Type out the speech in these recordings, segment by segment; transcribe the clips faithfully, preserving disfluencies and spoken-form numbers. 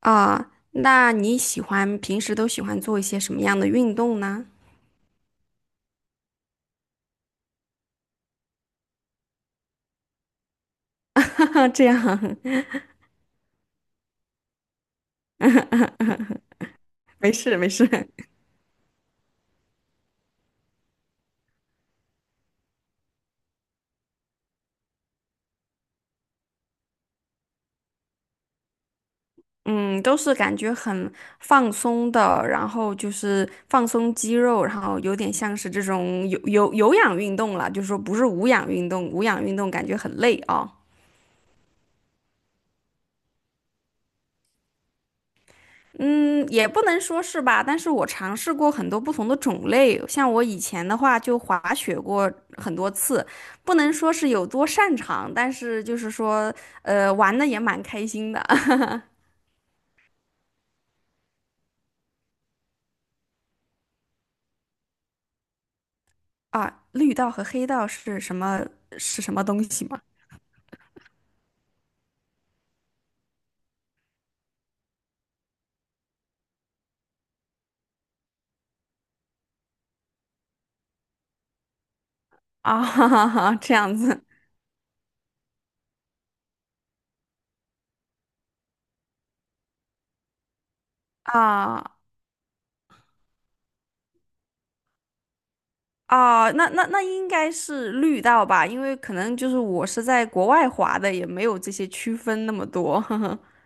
啊，那你喜欢平时都喜欢做一些什么样的运动呢？这样，没事没事。嗯，都是感觉很放松的，然后就是放松肌肉，然后有点像是这种有有有氧运动了，就是说不是无氧运动，无氧运动感觉很累啊。嗯，也不能说是吧，但是我尝试过很多不同的种类，像我以前的话就滑雪过很多次，不能说是有多擅长，但是就是说，呃，玩的也蛮开心的 啊。绿道和黑道是什么是什么东西吗？啊，哈哈哈，这样子啊啊，那那那应该是绿道吧，因为可能就是我是在国外滑的，也没有这些区分那么多。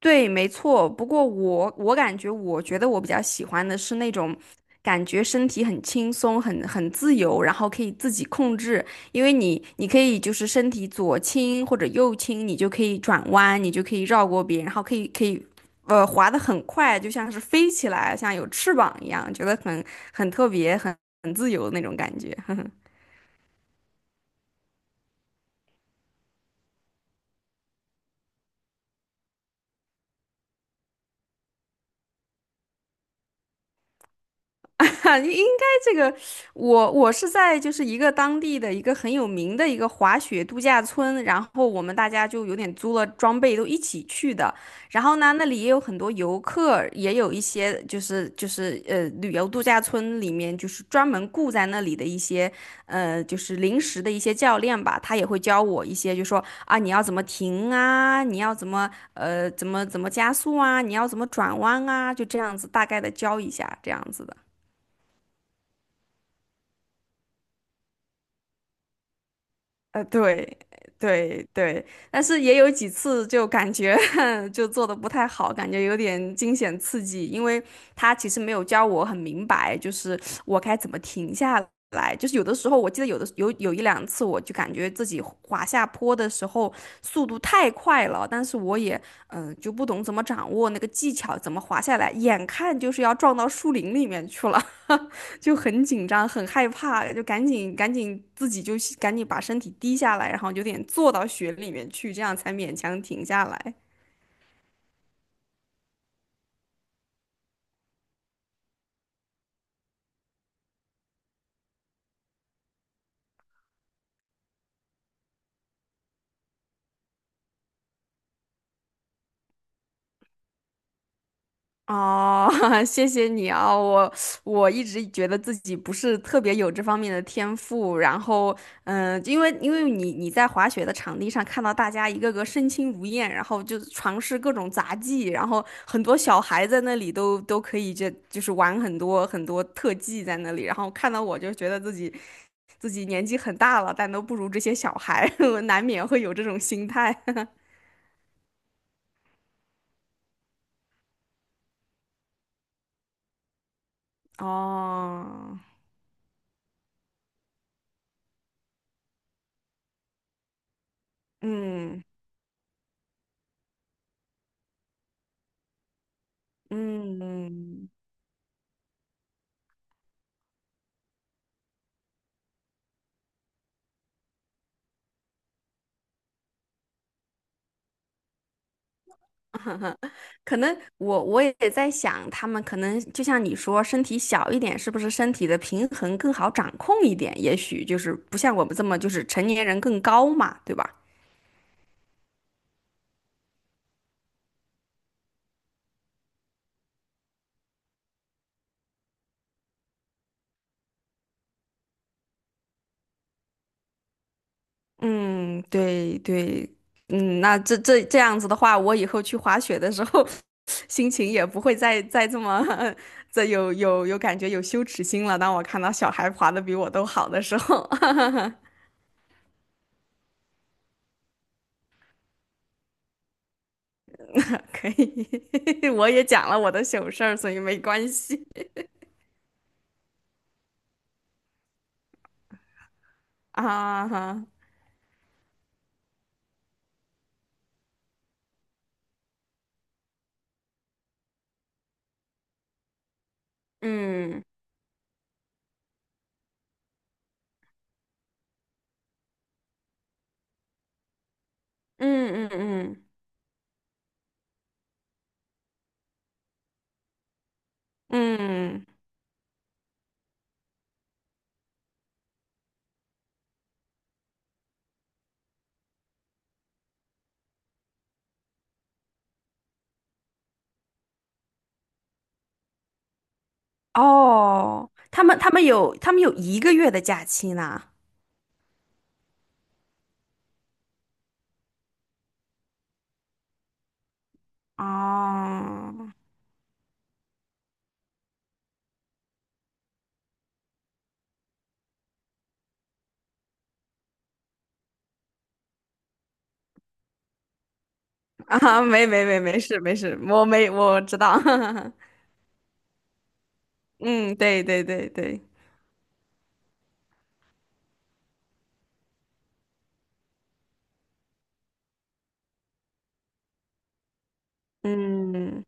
对，没错。不过我我感觉，我觉得我比较喜欢的是那种感觉身体很轻松、很很自由，然后可以自己控制。因为你你可以就是身体左倾或者右倾，你就可以转弯，你就可以绕过别人，然后可以可以呃滑得很快，就像是飞起来，像有翅膀一样，觉得很很特别、很很自由的那种感觉。应该这个，我我是在就是一个当地的一个很有名的一个滑雪度假村，然后我们大家就有点租了装备都一起去的。然后呢，那里也有很多游客，也有一些就是就是呃旅游度假村里面就是专门雇在那里的一些呃就是临时的一些教练吧，他也会教我一些，就说啊你要怎么停啊，你要怎么呃怎么怎么加速啊，你要怎么转弯啊，就这样子大概的教一下这样子的。呃，对，对，对，但是也有几次就感觉 就做的不太好，感觉有点惊险刺激，因为他其实没有教我很明白，就是我该怎么停下来。就是有的时候，我记得有的有有一两次，我就感觉自己滑下坡的时候速度太快了，但是我也嗯、呃就不懂怎么掌握那个技巧，怎么滑下来，眼看就是要撞到树林里面去了。就很紧张，很害怕，就赶紧赶紧自己就赶紧把身体低下来，然后有点坐到雪里面去，这样才勉强停下来。哦，谢谢你啊，我我一直觉得自己不是特别有这方面的天赋，然后，嗯、因为因为你你在滑雪的场地上看到大家一个个身轻如燕，然后就尝试各种杂技，然后很多小孩在那里都都可以就就是玩很多很多特技在那里，然后看到我就觉得自己自己年纪很大了，但都不如这些小孩，我难免会有这种心态。哦，嗯嗯。嗯可能我我也在想，他们可能就像你说，身体小一点，是不是身体的平衡更好掌控一点？也许就是不像我们这么，就是成年人更高嘛，对吧？嗯，对对，嗯，那这这这样子的话，我以后去滑雪的时候，心情也不会再再这么 这有有有感觉有羞耻心了。当我看到小孩滑的比我都好的时候，可以，我也讲了我的糗事儿，所以没关系 啊哈。嗯嗯嗯嗯嗯，哦，他们他们有他们有一个月的假期呢。哦，啊，没没没没事没事，我没我知道。嗯，对对对对，嗯，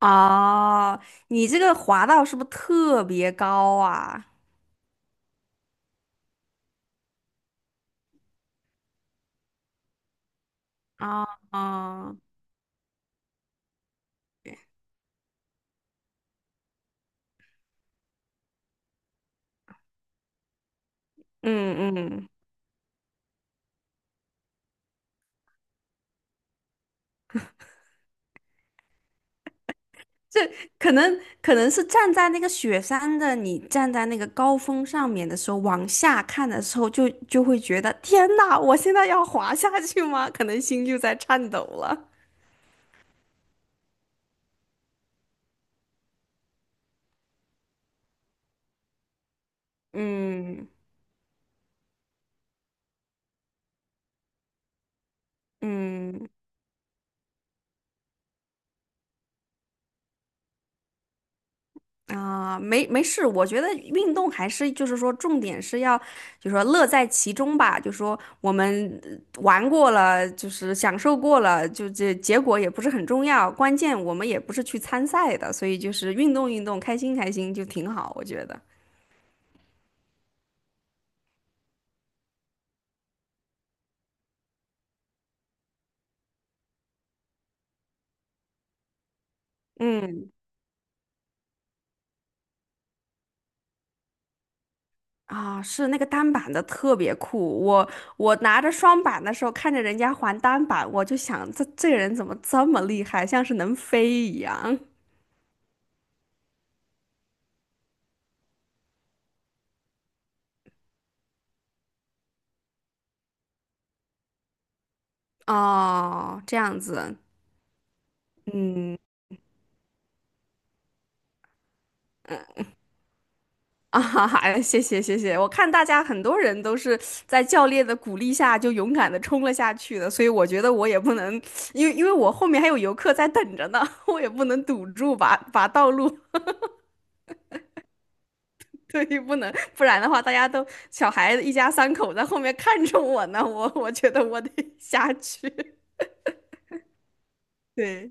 哦，你这个滑道是不是特别高啊？啊嗯嗯。这可能可能是站在那个雪山的你，站在那个高峰上面的时候，往下看的时候就，就会觉得天呐，我现在要滑下去吗？可能心就在颤抖了。嗯嗯，啊，没没事，我觉得运动还是就是说，重点是要就是说乐在其中吧。就说我们呃玩过了，就是享受过了，就这结果也不是很重要，关键我们也不是去参赛的，所以就是运动运动，开心开心就挺好，我觉得。嗯，啊，是那个单板的特别酷，我我拿着双板的时候，看着人家还单板，我就想这这个人怎么这么厉害，像是能飞一样。哦，这样子，嗯。嗯啊哈哈，谢谢谢谢！我看大家很多人都是在教练的鼓励下就勇敢的冲了下去的，所以我觉得我也不能，因为因为我后面还有游客在等着呢，我也不能堵住把把道路，对，不能，不然的话大家都小孩子一家三口在后面看着我呢，我我觉得我得下去，对。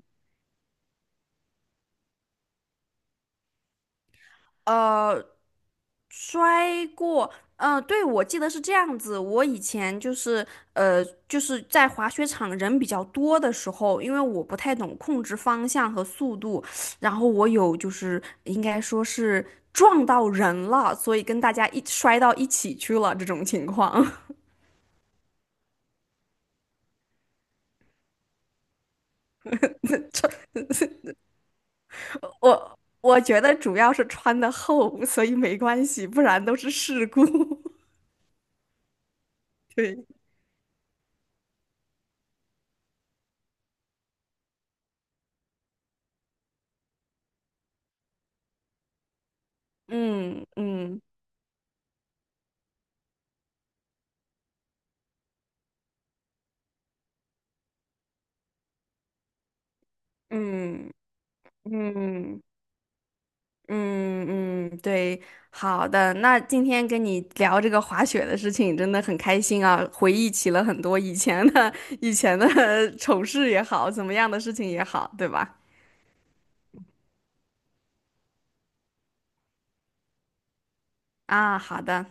呃，摔过，呃，对，我记得是这样子。我以前就是，呃，就是在滑雪场人比较多的时候，因为我不太懂控制方向和速度，然后我有就是应该说是撞到人了，所以跟大家一摔到一起去了这种情况。我我觉得主要是穿的厚，所以没关系，不然都是事故。对，嗯嗯嗯嗯。嗯嗯，对，好的。那今天跟你聊这个滑雪的事情，真的很开心啊，回忆起了很多以前的 以前的 丑事也好，怎么样的事情也好，对吧？啊，好的。